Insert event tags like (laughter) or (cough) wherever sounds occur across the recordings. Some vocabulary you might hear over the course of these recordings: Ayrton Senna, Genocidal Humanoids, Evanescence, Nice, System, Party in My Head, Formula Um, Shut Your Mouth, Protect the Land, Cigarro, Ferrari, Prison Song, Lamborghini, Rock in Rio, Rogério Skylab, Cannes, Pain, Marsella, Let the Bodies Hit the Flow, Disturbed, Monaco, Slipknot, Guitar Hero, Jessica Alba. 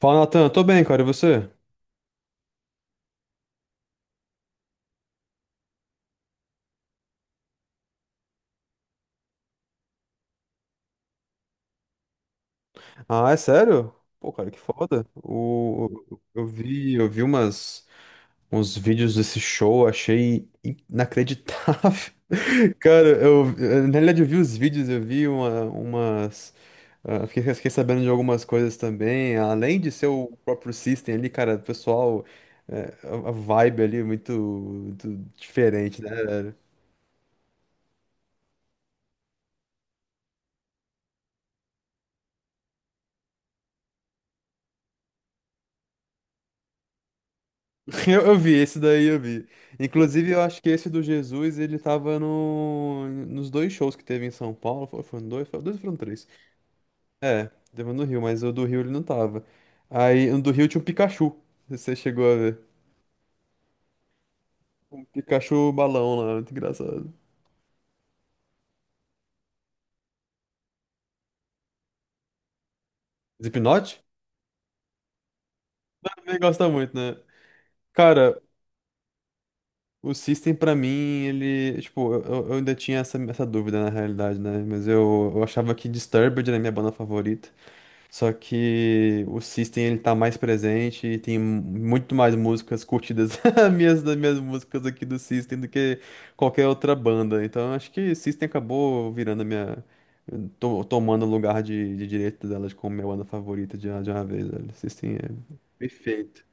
Fala, Natan. Tô bem, cara. E você? Ah, é sério? Pô, cara, que foda. Eu vi, uns vídeos desse show, achei inacreditável. (laughs) Cara, na realidade eu vi os vídeos, eu vi uma, umas. Ah, fiquei, fiquei sabendo de algumas coisas também. Além de ser o próprio System ali, cara, o pessoal. A vibe ali é muito, muito diferente, né? (laughs) Eu vi, esse daí eu vi. Inclusive, eu acho que esse do Jesus, ele tava no, nos dois shows que teve em São Paulo. Foram dois? Foram dois ou foram três? É, teve um no Rio, mas o do Rio ele não tava. Aí, no do Rio tinha um Pikachu. Você chegou a ver. Um Pikachu balão lá, muito engraçado. Slipknot? Também gosta muito, né? Cara, o System pra mim, ele... Tipo, eu ainda tinha essa dúvida na realidade, né? Mas eu achava que Disturbed era a minha banda favorita. Só que o System ele tá mais presente e tem muito mais músicas curtidas (laughs) as minhas das minhas músicas aqui do System do que qualquer outra banda. Então acho que System acabou virando a minha tomando o lugar de direito dela de como minha banda favorita de uma vez, velho. System é perfeito.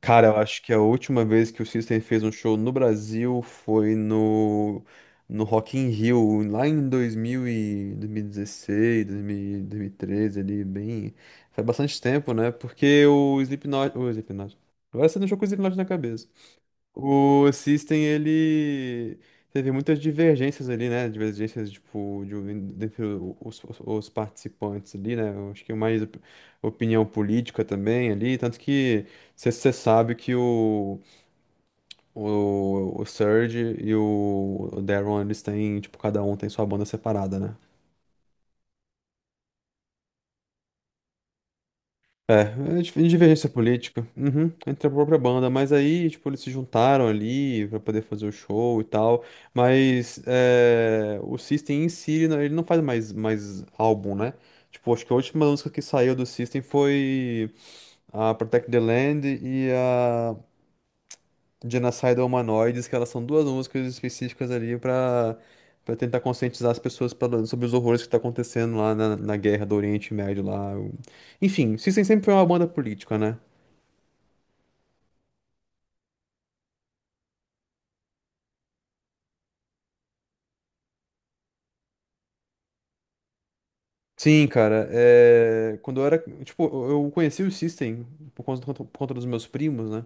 Cara, eu acho que a última vez que o System fez um show no Brasil foi no Rock in Rio, lá em 2000 e 2016, 2000 2013, ali, bem... Faz bastante tempo, né? Porque o Slipknot... O Slipknot... Agora você deixou com o Slipknot na cabeça. O System, ele teve muitas divergências ali, né? Divergências, tipo, de, entre os participantes ali, né? Eu acho que é mais opinião política também ali. Tanto que você sabe que o Surge e o Daron, eles têm, tipo, cada um tem sua banda separada, né? É, é divergência política, uhum, entre a própria banda, mas aí, tipo, eles se juntaram ali pra poder fazer o show e tal, mas é, o System em si, ele não faz mais, mais álbum, né? Tipo, acho que a última música que saiu do System foi a Protect the Land e a Genocidal Humanoids, que elas são duas músicas específicas ali pra, pra tentar conscientizar as pessoas pra- sobre os horrores que tá acontecendo lá na guerra do Oriente Médio lá, enfim, System sempre foi uma banda política, né? Sim, cara, é... quando eu era, tipo, eu conheci o System por conta dos meus primos, né?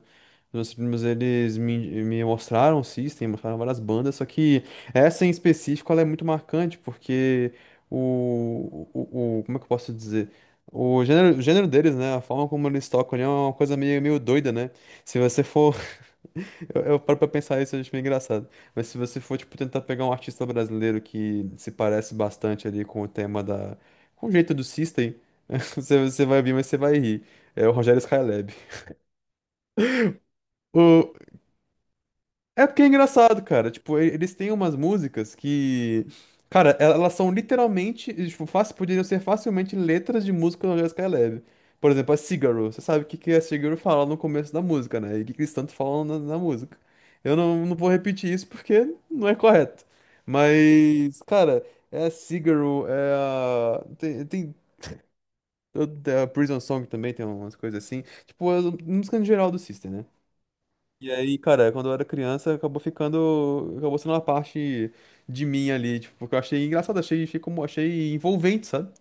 Os meus primos, me mostraram o System, mostraram várias bandas, só que essa em específico, ela é muito marcante, porque como é que eu posso dizer? O gênero deles, né? A forma como eles tocam ali é uma coisa meio, meio doida, né? Se você for eu paro pra pensar isso, eu acho meio engraçado. Mas se você for, tipo, tentar pegar um artista brasileiro que se parece bastante ali com o tema da... com o jeito do System, (laughs) você vai ouvir, mas você vai rir. É o Rogério Skylab. O, É porque é engraçado, cara. Tipo, eles têm umas músicas que. Cara, elas são literalmente. Tipo, fácil, poderiam ser facilmente letras de música do Jessica Alba. Por exemplo, a Cigarro. Você sabe que a Cigarro fala no começo da música, né? E que eles tanto falam na música. Eu não, não vou repetir isso porque não é correto. Mas, cara, é a Cigarro, é a. Tem a Prison Song também, tem umas coisas assim. Tipo, a música em geral do System, né? E aí, cara, quando eu era criança, acabou ficando. Acabou sendo uma parte de mim ali, tipo, porque eu achei engraçado, achei envolvente, sabe?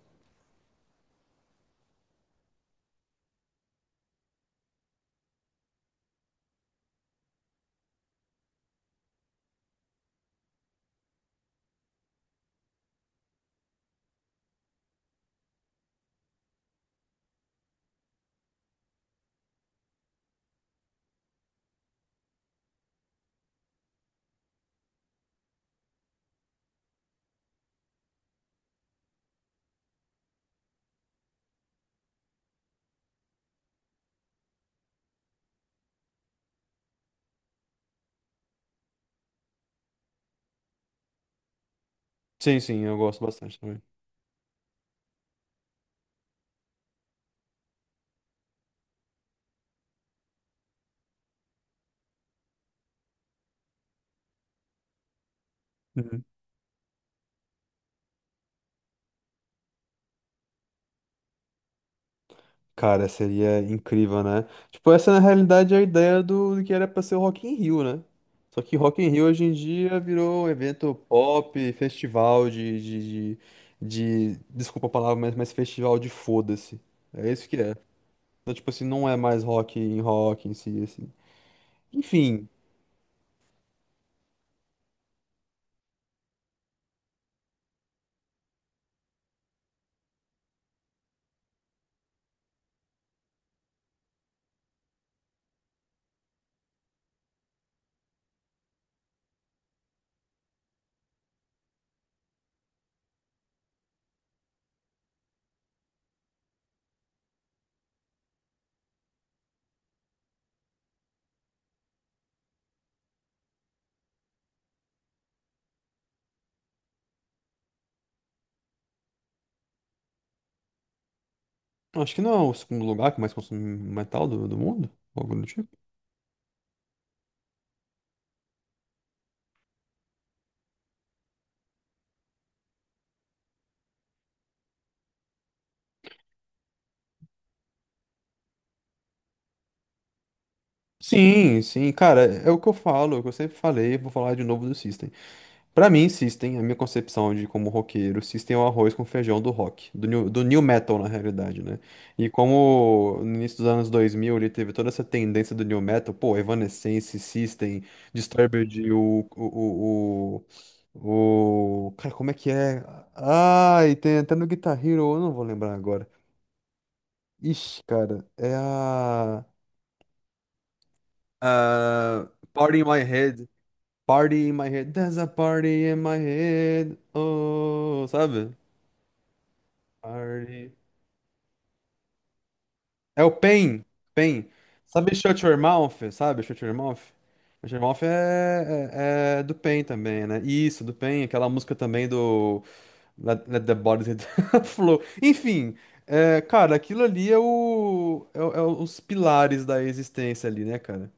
Sim, sim, eu gosto bastante também. Uhum. Cara, seria incrível, né? Tipo, essa é, na realidade é a ideia do que era pra ser o Rock in Rio, né? Só que Rock in Rio hoje em dia virou um evento pop, festival de- desculpa a palavra, mas festival de foda-se. É isso que é. Então, tipo assim, não é mais rock em si, assim. Enfim. Acho que não é o segundo lugar que mais consome metal do mundo, algo do tipo. Sim, sim, cara, é o que eu falo, é o que eu sempre falei, vou falar de novo do System. Pra mim, System, a minha concepção de como roqueiro, System é o arroz com feijão do rock, do new metal na realidade, né? E como no início dos anos 2000 ele teve toda essa tendência do new metal, pô, Evanescence, System, Disturbed, cara, como é que é? Ai, tem até no Guitar Hero, eu não vou lembrar agora. Ixi, cara, é a. Ah, Party in My Head. Party in My Head. There's a party in my head. Oh, sabe? Party. É o Pain. Pain. Sabe Shut Your Mouth? Sabe Shut Your Mouth? Shut Your Mouth é do Pain também, né? Isso, do Pain. Aquela música também do Let the Bodies Hit the (laughs) Flow. Enfim, é, cara, aquilo ali é os pilares da existência ali, né, cara?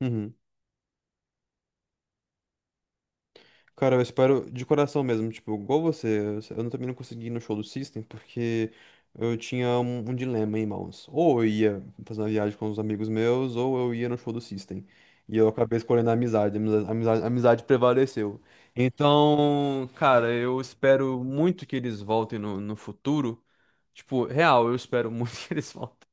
Uhum. Cara, eu espero de coração mesmo, tipo, igual você, eu não- também não consegui ir no show do System porque eu tinha um dilema em mãos. Ou eu ia fazer uma viagem com os amigos meus, ou eu ia no show do System. E eu acabei escolhendo a amizade prevaleceu. Então, cara, eu espero muito que eles voltem no futuro. Tipo, real, eu espero muito (laughs) que eles voltem.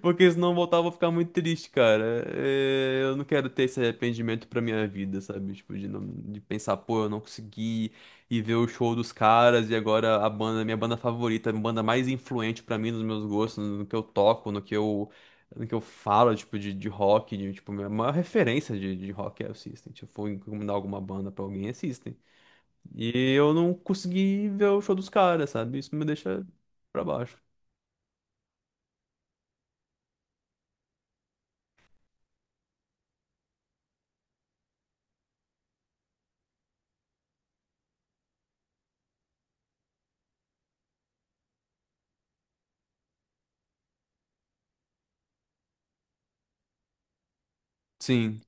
Porque senão voltar eu vou ficar muito triste, cara. É, eu não quero ter esse arrependimento pra minha vida, sabe? De pensar, pô, eu não consegui e ver o show dos caras e agora a banda, minha banda favorita, a banda mais influente pra mim, nos meus gostos, no que eu toco, no que eu falo, tipo, de rock, de, tipo, minha maior referência de rock é o System. Se eu for encomendar alguma banda pra alguém, é System. E eu não consegui ver o show dos caras, sabe? Isso me deixa pra baixo. Sim.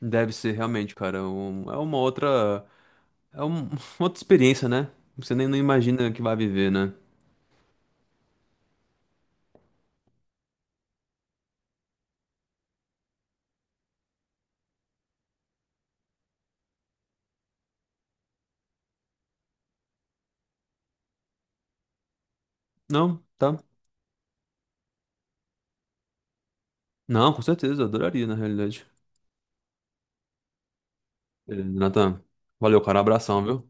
Deve ser realmente, cara. É um- é uma outra. É um- (laughs) outra experiência, né? Você nem não imagina que vai viver, né? Não, tá? Não, com certeza, adoraria, na realidade. Beleza, Nathan, valeu, cara. Abração, viu?